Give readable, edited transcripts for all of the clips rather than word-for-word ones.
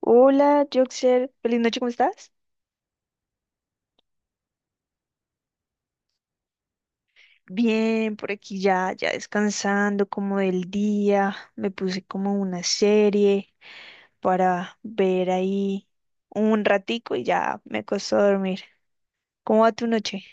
Hola, Joxer. Feliz noche, ¿cómo estás? Bien, por aquí ya descansando como del día. Me puse como una serie para ver ahí un ratico y ya me acosté a dormir. ¿Cómo va tu noche?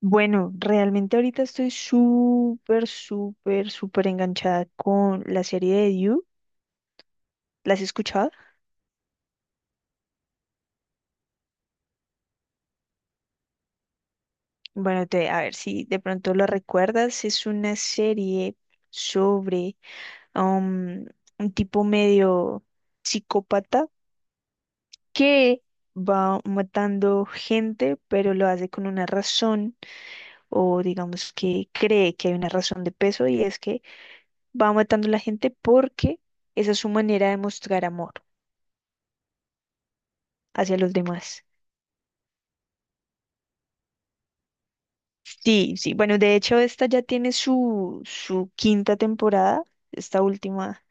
Bueno, realmente ahorita estoy súper, súper, súper enganchada con la serie de You. ¿La has escuchado? Bueno, te, a ver si de pronto lo recuerdas. Es una serie sobre um, un tipo medio psicópata que va matando gente, pero lo hace con una razón, o digamos que cree que hay una razón de peso, y es que va matando a la gente porque esa es su manera de mostrar amor hacia los demás. Sí, sí, bueno, de hecho esta ya tiene su quinta temporada, esta última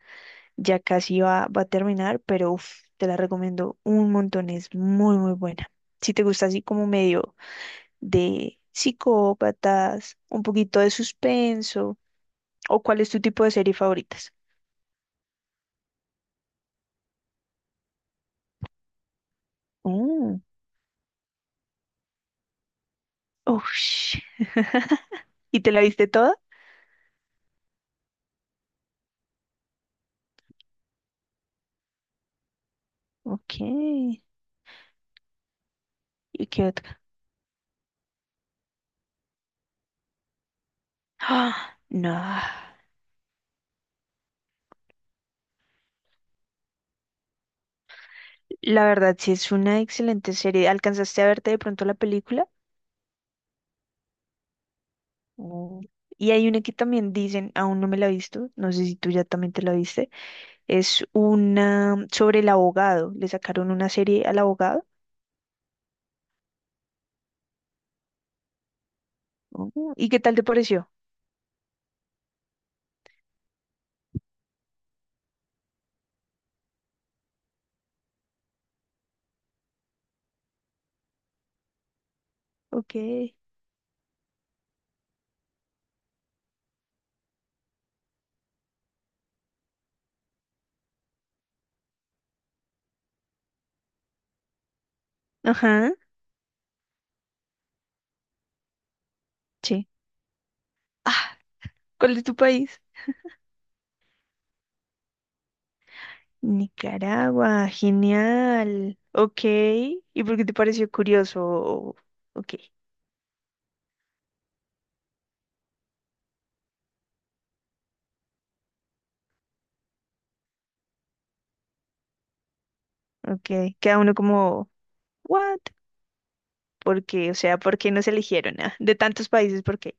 ya casi va a terminar, pero uf, te la recomiendo un montón, es muy, muy buena si te gusta así como medio de psicópatas, un poquito de suspenso, o cuál es tu tipo de serie favoritas. Mm. Ush. ¿Y te la viste toda? Ok. ¿Y qué otra? Ah, no. La verdad, sí es una excelente serie. ¿Alcanzaste a verte de pronto la película? Mm. Y hay una que también dicen, aún no me la he visto, no sé si tú ya también te la viste, es una sobre el abogado, le sacaron una serie al abogado. Oh, ¿y qué tal te pareció? Ok. Ajá, sí. Ah, ¿cuál es tu país? Nicaragua, genial. Ok. ¿Y por qué te pareció curioso? Ok, ok. Queda uno como, ¿what? ¿Por qué? O sea, ¿por qué nos eligieron? ¿Ah? De tantos países, ¿por qué?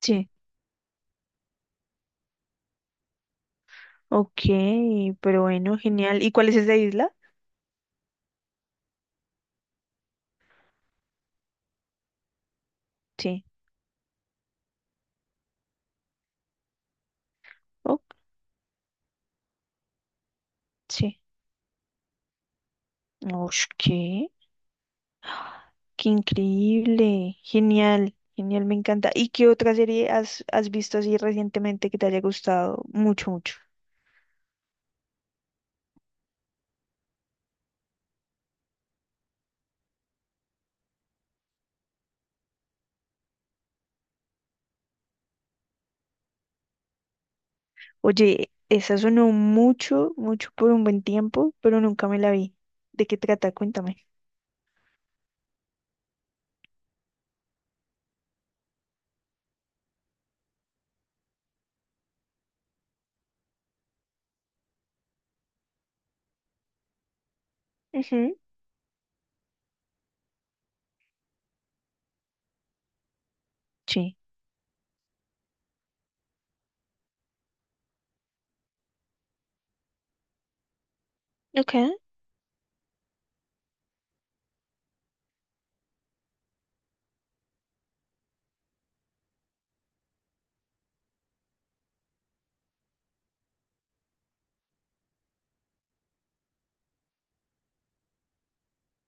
Sí. Ok, pero bueno, genial. ¿Y cuál es esa isla? Sí. Oh, sí. Ush, ¿qué? Qué increíble. Genial, genial, me encanta. ¿Y qué otra serie has visto así recientemente que te haya gustado mucho, mucho? Oye, esa sonó mucho, mucho por un buen tiempo, pero nunca me la vi. ¿De qué trata? Cuéntame. Ujú. Sí. Ok.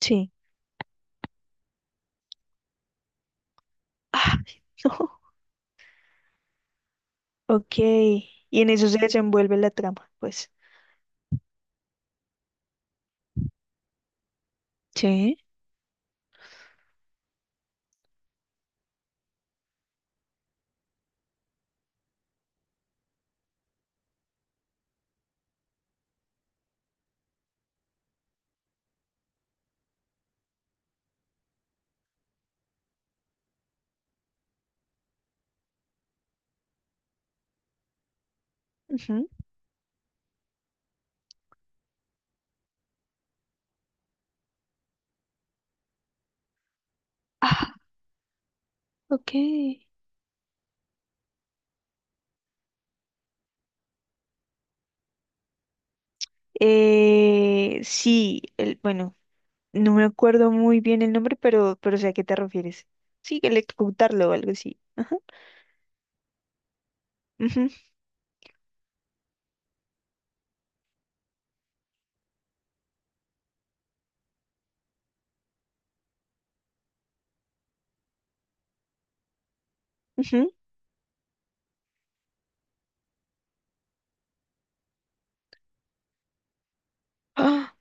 Sí. Ah. No. Ok. Y en eso se desenvuelve la trama, pues. Sí. Ujú. Ah. Ok. Eh, sí, el, bueno, no me acuerdo muy bien el nombre, pero sé a qué te refieres. Sí, electrocutarlo o algo así. Ajá. Ujú, ujú. Ah,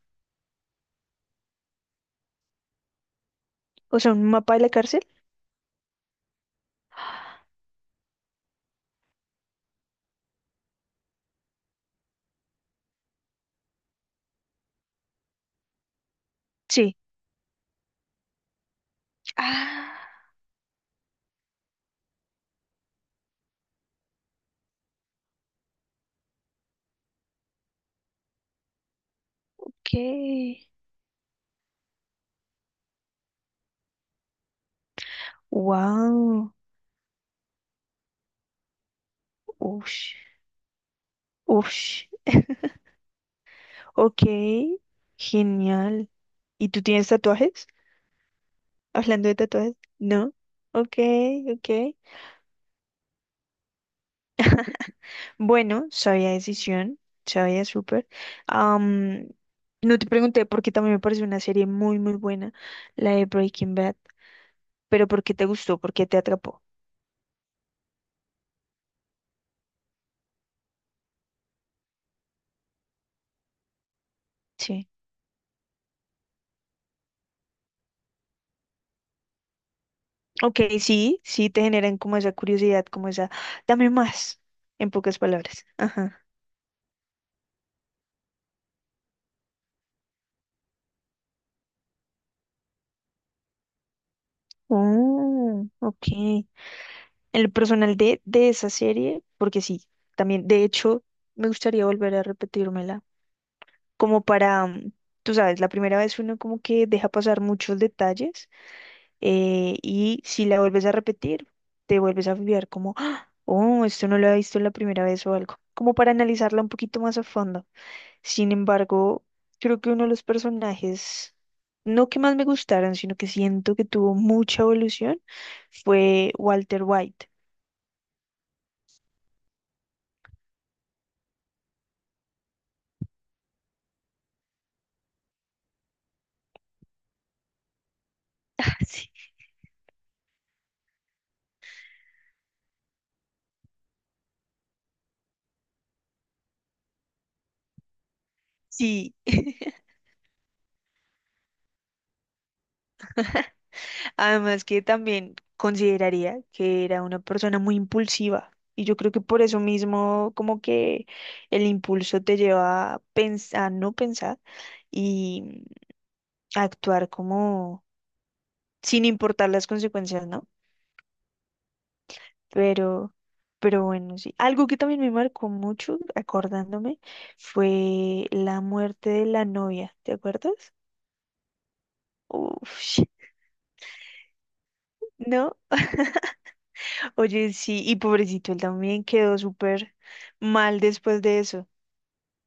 o sea, un mapa de la cárcel. Sí. Ah. Ok. Wow. Ush. Ush. Ok. Genial. ¿Y tú tienes tatuajes? Hablando de tatuajes, ¿no? Ok, ok. Bueno, sabia decisión. Sabia súper. Am, no te pregunté porque también me pareció una serie muy, muy buena, la de Breaking Bad. Pero ¿por qué te gustó? ¿Por qué te atrapó? Sí. Ok, sí, sí te generan como esa curiosidad, como esa, dame más, en pocas palabras. Ajá. Oh, ok. El personal de esa serie, porque sí, también, de hecho, me gustaría volver a repetírmela, como para, mm, tú sabes, la primera vez uno como que deja pasar muchos detalles y si la vuelves a repetir, te vuelves a fijar como, "Ah, oh, esto no lo he visto la primera vez o algo, como para analizarla un poquito más a fondo. Sin embargo, creo que uno de los personajes, no que más me gustaron, sino que siento que tuvo mucha evolución fue Walter White. Sí, sí. Además que también consideraría que era una persona muy impulsiva y yo creo que por eso mismo como que el impulso te lleva a pensar, no pensar y a actuar como sin importar las consecuencias, ¿no? Pero, pero bueno, sí. Algo que también me marcó mucho, acordándome, fue la muerte de la novia, ¿te acuerdas? Uf, ¿no? Oye, sí, y pobrecito, él también quedó súper mal después de eso.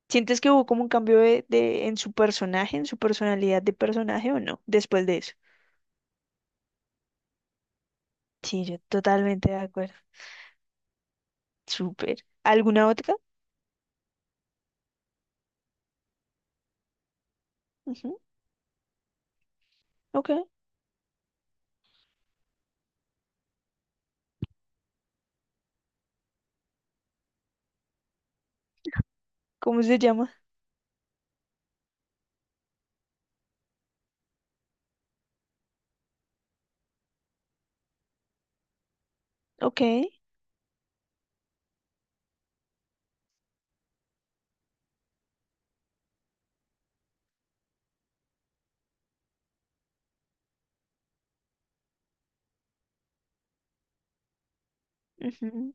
¿Sientes que hubo como un cambio de- en su personaje, en su personalidad de personaje o no, después de eso? Sí, yo totalmente de acuerdo. Súper. ¿Alguna otra? Ujú. Ok. ¿Cómo se llama? Ok. Ujú.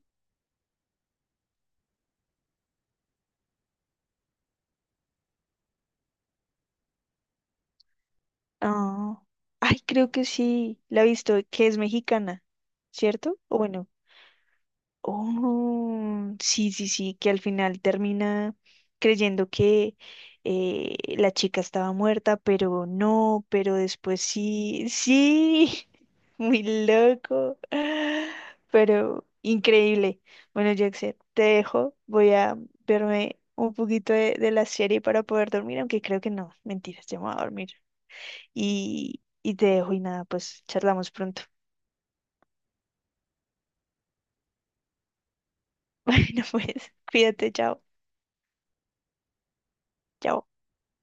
Ah, ay, creo que sí. La he visto, que es mexicana, ¿cierto? O bueno. Oh, sí, sí, sí, que al final termina creyendo que la chica estaba muerta, pero no, pero después sí, sí, muy loco, pero increíble. Bueno, Jackson, te dejo, voy a verme un poquito de la serie para poder dormir, aunque creo que no, mentiras, ya me voy a dormir. Y te dejo y nada, pues charlamos pronto. Bueno, pues cuídate, chao, chao.